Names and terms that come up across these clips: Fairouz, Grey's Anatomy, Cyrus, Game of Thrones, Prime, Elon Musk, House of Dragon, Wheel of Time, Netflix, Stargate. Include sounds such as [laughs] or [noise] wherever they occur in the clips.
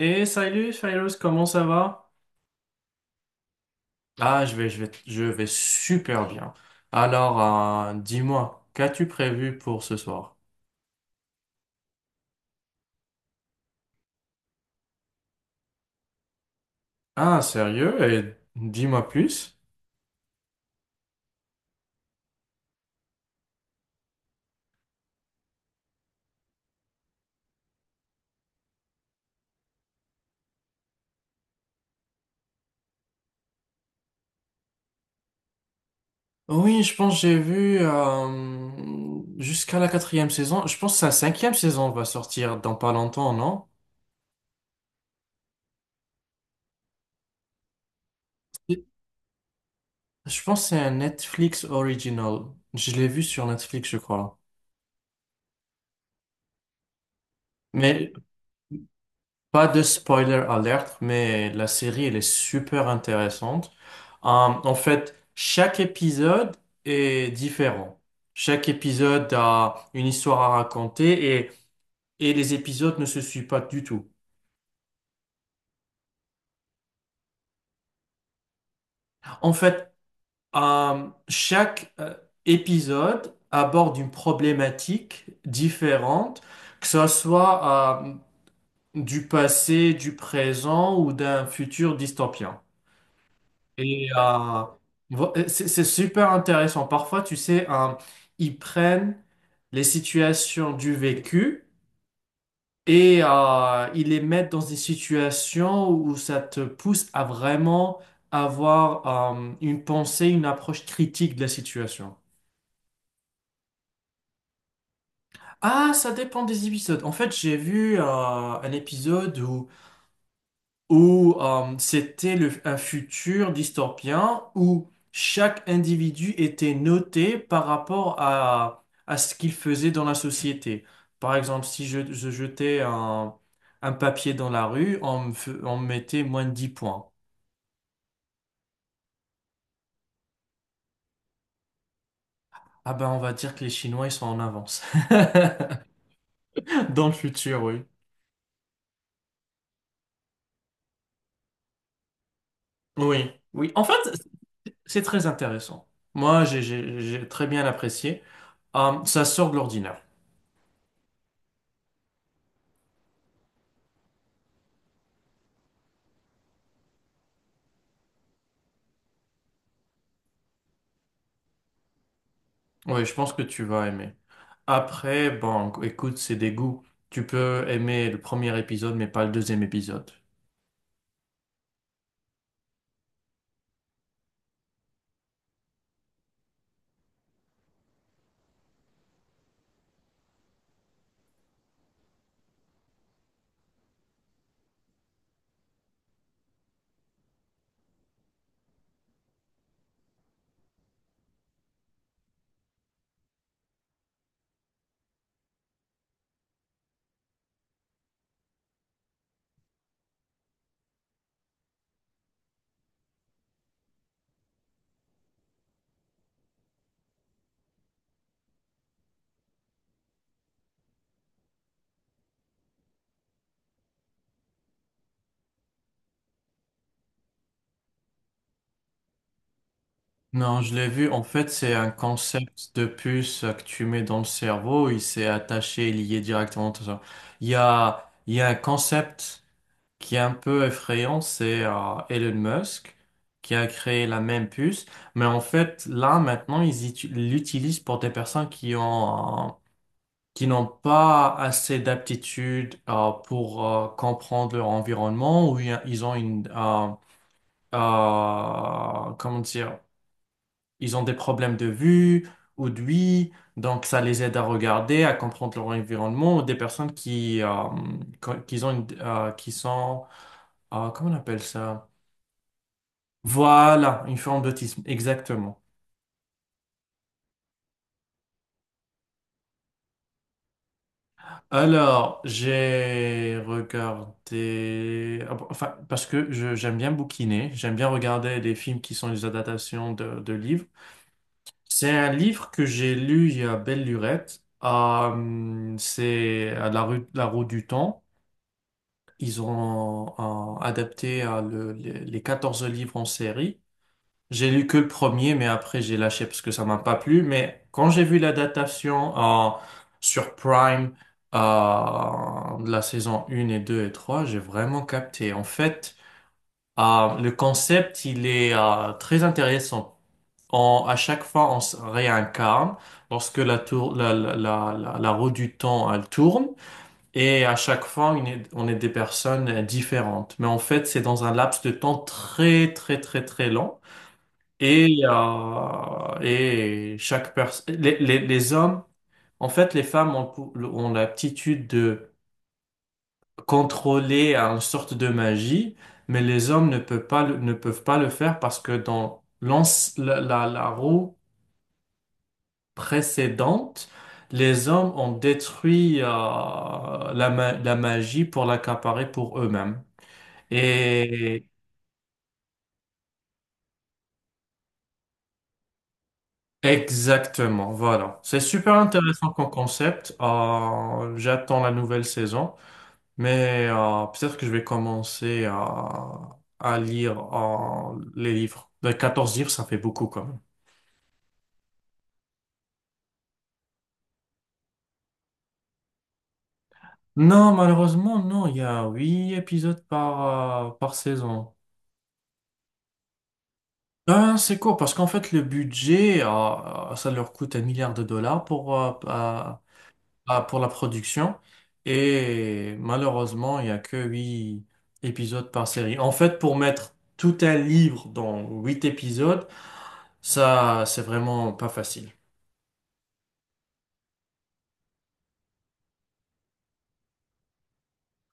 Et salut Cyrus, comment ça va? Ah, je vais super bien. Alors, dis-moi, qu'as-tu prévu pour ce soir? Ah, sérieux? Et dis-moi plus. Oui, je pense que j'ai vu jusqu'à la quatrième saison. Je pense que sa cinquième saison va sortir dans pas longtemps, non? Je pense que c'est un Netflix original. Je l'ai vu sur Netflix, je crois. Mais pas de spoiler alert, mais la série, elle est super intéressante. En fait, chaque épisode est différent. Chaque épisode a une histoire à raconter, et les épisodes ne se suivent pas du tout. En fait, chaque épisode aborde une problématique différente, que ce soit du passé, du présent ou d'un futur dystopien. Et c'est super intéressant. Parfois, tu sais, ils prennent les situations du vécu et ils les mettent dans des situations où ça te pousse à vraiment avoir une pensée, une approche critique de la situation. Ah, ça dépend des épisodes. En fait, j'ai vu un épisode où c'était un futur dystopien où chaque individu était noté par rapport à ce qu'il faisait dans la société. Par exemple, si je jetais un papier dans la rue, on me mettait moins de 10 points. Ah ben, on va dire que les Chinois, ils sont en avance. [laughs] Dans le futur, oui. Oui, oui. En fait, c'est très intéressant. Moi, j'ai très bien apprécié. Ça sort de l'ordinaire. Oui, je pense que tu vas aimer. Après, bon, écoute, c'est des goûts. Tu peux aimer le premier épisode, mais pas le deuxième épisode. Non, je l'ai vu. En fait, c'est un concept de puce que tu mets dans le cerveau. Il s'est attaché et lié directement à ça. Il y a un concept qui est un peu effrayant. C'est Elon Musk qui a créé la même puce. Mais en fait, là, maintenant, ils l'utilisent pour des personnes qui ont qui n'ont pas assez d'aptitude pour comprendre leur environnement, ou il ils ont une comment dire, ils ont des problèmes de vue ou d'ouïe, donc ça les aide à regarder, à comprendre leur environnement, ou des personnes qui qui ont qui sont comment on appelle ça? Voilà, une forme d'autisme, exactement. Alors, j'ai regardé, enfin, parce que j'aime bien bouquiner, j'aime bien regarder des films qui sont des adaptations de livres. C'est un livre que j'ai lu il y a belle lurette. C'est à la rue, la roue du temps. Ils ont adapté les 14 livres en série. J'ai lu que le premier, mais après j'ai lâché parce que ça m'a pas plu. Mais quand j'ai vu l'adaptation sur Prime de la saison 1 et 2 et 3, j'ai vraiment capté. En fait, le concept, il est très intéressant. On, à chaque fois, on se réincarne lorsque la, tour, la- la roue du temps, elle tourne. Et à chaque fois, on est des personnes différentes. Mais en fait, c'est dans un laps de temps très, très, très, très long. Et chaque personne, les hommes, en fait, les femmes ont l'aptitude de contrôler une sorte de magie, mais les hommes ne peuvent pas le faire parce que dans la roue précédente, les hommes ont détruit la magie pour l'accaparer pour eux-mêmes. Exactement, voilà. C'est super intéressant comme concept. J'attends la nouvelle saison, mais peut-être que je vais commencer à lire les livres. 14 livres, ça fait beaucoup quand même. Non, malheureusement, non, il y a 8 épisodes par saison. Ben, c'est court parce qu'en fait, le budget, ça leur coûte un milliard de dollars pour la production. Et malheureusement, il n'y a que 8 épisodes par série. En fait, pour mettre tout un livre dans 8 épisodes, ça, c'est vraiment pas facile.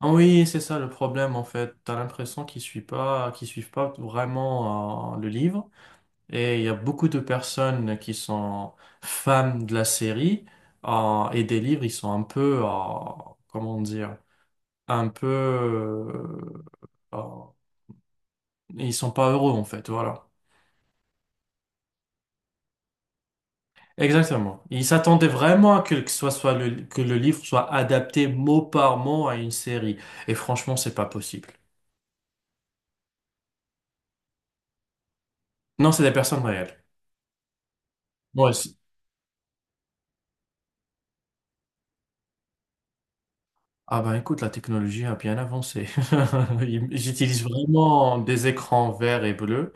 Ah oui, c'est ça le problème en fait. T'as l'impression qu'ils suivent pas vraiment le livre. Et il y a beaucoup de personnes qui sont fans de la série et des livres, ils sont un peu, comment dire, un peu euh, et ils sont pas heureux en fait, voilà. Exactement. Ils s'attendaient vraiment à que le livre soit adapté mot par mot à une série. Et franchement, c'est pas possible. Non, c'est des personnes réelles. Moi c'est- Ah ben écoute, la technologie a bien avancé. [laughs] J'utilise vraiment des écrans verts et bleus.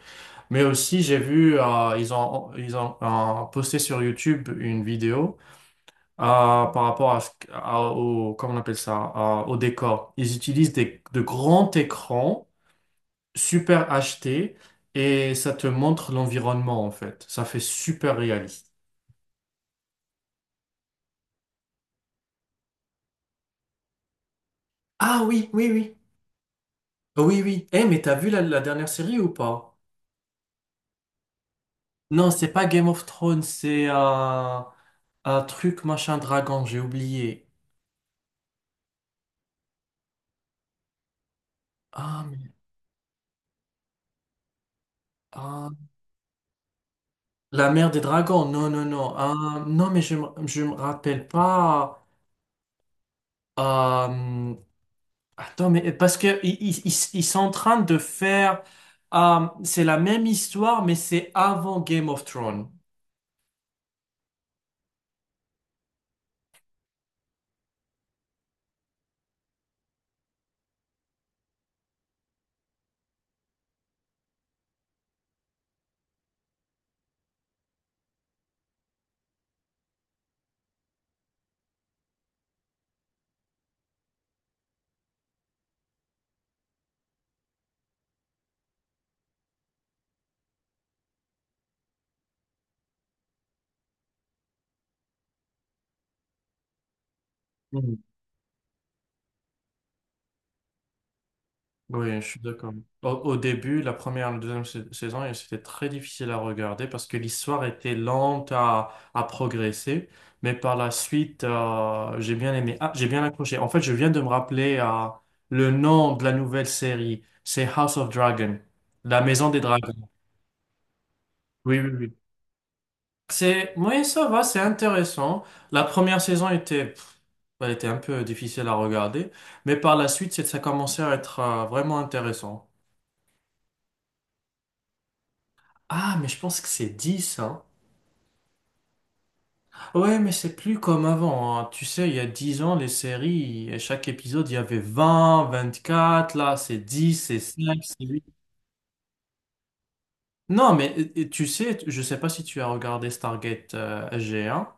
Mais aussi, j'ai vu, ils ont posté sur YouTube une vidéo euh, par rapport à, ce- qu- à- au, comment on appelle ça, au décor. Ils utilisent de grands écrans super acheté, et ça te montre l'environnement en fait. Ça fait super réaliste. Ah oui, oui, oui. Oui, oui. Eh, mais t'as vu la dernière série ou pas? Non, c'est pas Game of Thrones, c'est un truc machin dragon, j'ai oublié. Ah, mais... ah, la mère des dragons, non, non, non. Ah, non, mais je me rappelle pas. Euh, Attends, mais parce que ils sont en train de faire... c'est la même histoire, mais c'est avant Game of Thrones. Mhm. Oui, je suis d'accord. Au début, la première, la deuxième saison, et c'était très difficile à regarder parce que l'histoire était lente à progresser. Mais par la suite, j'ai bien aimé. Ah, j'ai bien accroché. En fait, je viens de me rappeler le nom de la nouvelle série. C'est House of Dragon, la maison des dragons. Oui, oui, oui. C'est, oui, ça va, c'est intéressant. La première saison était, pff, elle était un peu difficile à regarder, mais par la suite, ça commençait à être vraiment intéressant. Ah, mais je pense que c'est 10 hein. Ouais, mais c'est plus comme avant, hein. Tu sais, il y a 10 ans, les séries, à chaque épisode, il y avait 20, 24, là c'est 10, c'est 5, c'est 8. Non, mais tu sais, je sais pas si tu as regardé Stargate G un.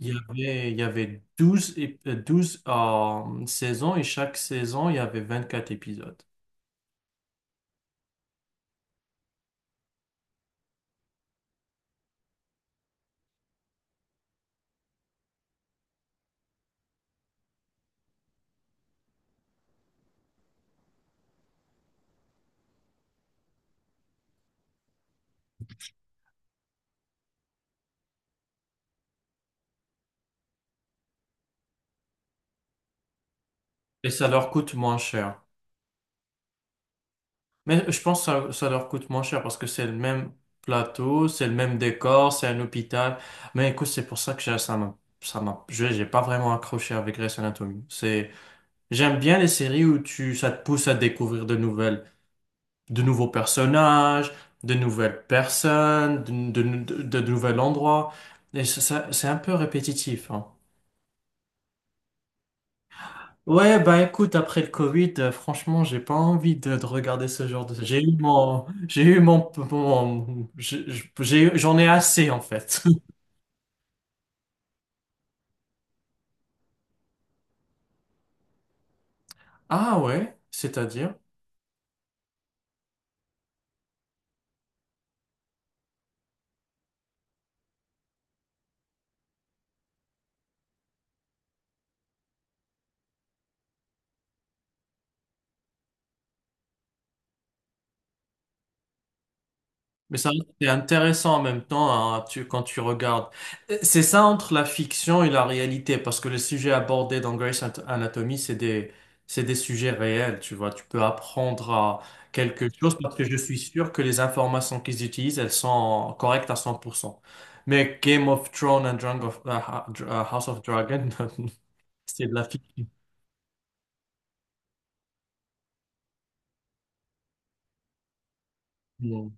Il y avait 12 saisons, et chaque saison, il y avait 24 épisodes. Et ça leur coûte moins cher. Mais je pense que ça leur coûte moins cher parce que c'est le même plateau, c'est le même décor, c'est un hôpital. Mais écoute, c'est pour ça que j'ai pas vraiment accroché avec Grey's Anatomy. C'est, j'aime bien les séries où tu, ça te pousse à découvrir de nouvelles, de nouveaux personnages, de nouvelles personnes, de nouveaux endroits. Et ça, c'est un peu répétitif, hein. Ouais, bah écoute, après le Covid, franchement, j'ai pas envie de regarder ce genre de... J'ai eu mon... j'en ai assez, en fait. [laughs] Ah ouais, c'est-à-dire? Mais ça, c'est intéressant en même temps hein, quand tu regardes. C'est ça, entre la fiction et la réalité, parce que les sujets abordés dans Grey's Anatomy, c'est des sujets réels, tu vois. Tu peux apprendre à quelque chose parce que je suis sûr que les informations qu'ils utilisent, elles sont correctes à 100%. Mais Game of Thrones and House of Dragon, [laughs] c'est de la fiction. Mm.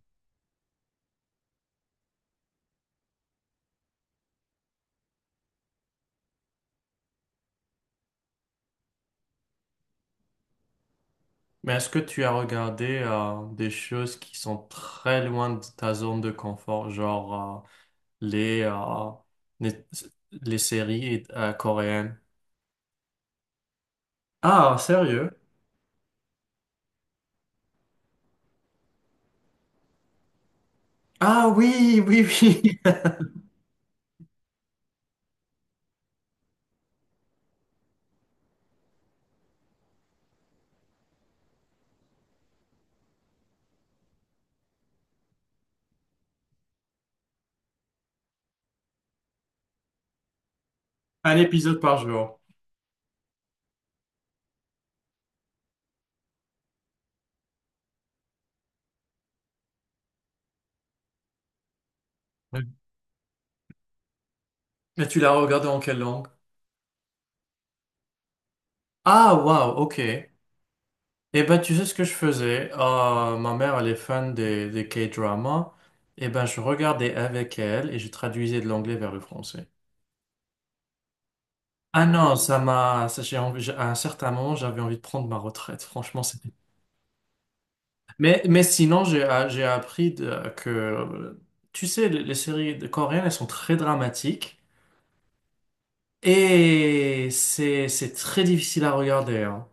Mais est-ce que tu as regardé des choses qui sont très loin de ta zone de confort, genre... euh, les, euh, les, les séries coréennes. Ah, sérieux? Ah oui, oui, oui. [laughs] Un épisode par jour. Oui. Et tu l'as regardé en quelle langue? Ah, wow ok. Eh ben, tu sais ce que je faisais? Ma mère, elle est fan des K-dramas. Eh ben, je regardais avec elle et je traduisais de l'anglais vers le français. Ah non, ça m'a, ça, j'ai envie- j'ai- à un certain moment, j'avais envie de prendre ma retraite. Franchement, c'est Mais sinon, j'ai appris que, tu sais, les séries coréennes, elles sont très dramatiques et c'est très difficile à regarder, hein.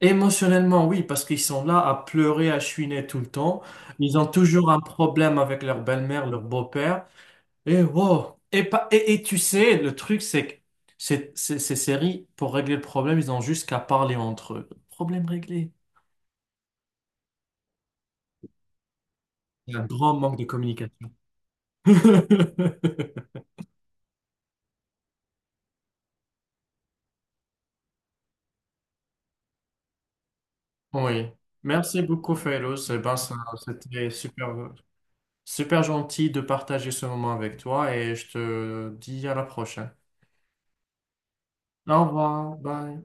Émotionnellement, oui, parce qu'ils sont là à pleurer, à chouiner tout le temps. Ils ont toujours un problème avec leur belle-mère, leur beau-père. Et wow. Et, pas, et tu sais, le truc, c'est que ces séries, pour régler le problème, ils ont juste qu'à parler entre eux. Problème réglé. Il y a un grand manque de communication. [laughs] Oui, merci beaucoup, Fairouz. Eh ben, c'était super, super gentil de partager ce moment avec toi, et je te dis à la prochaine. Au revoir, bye.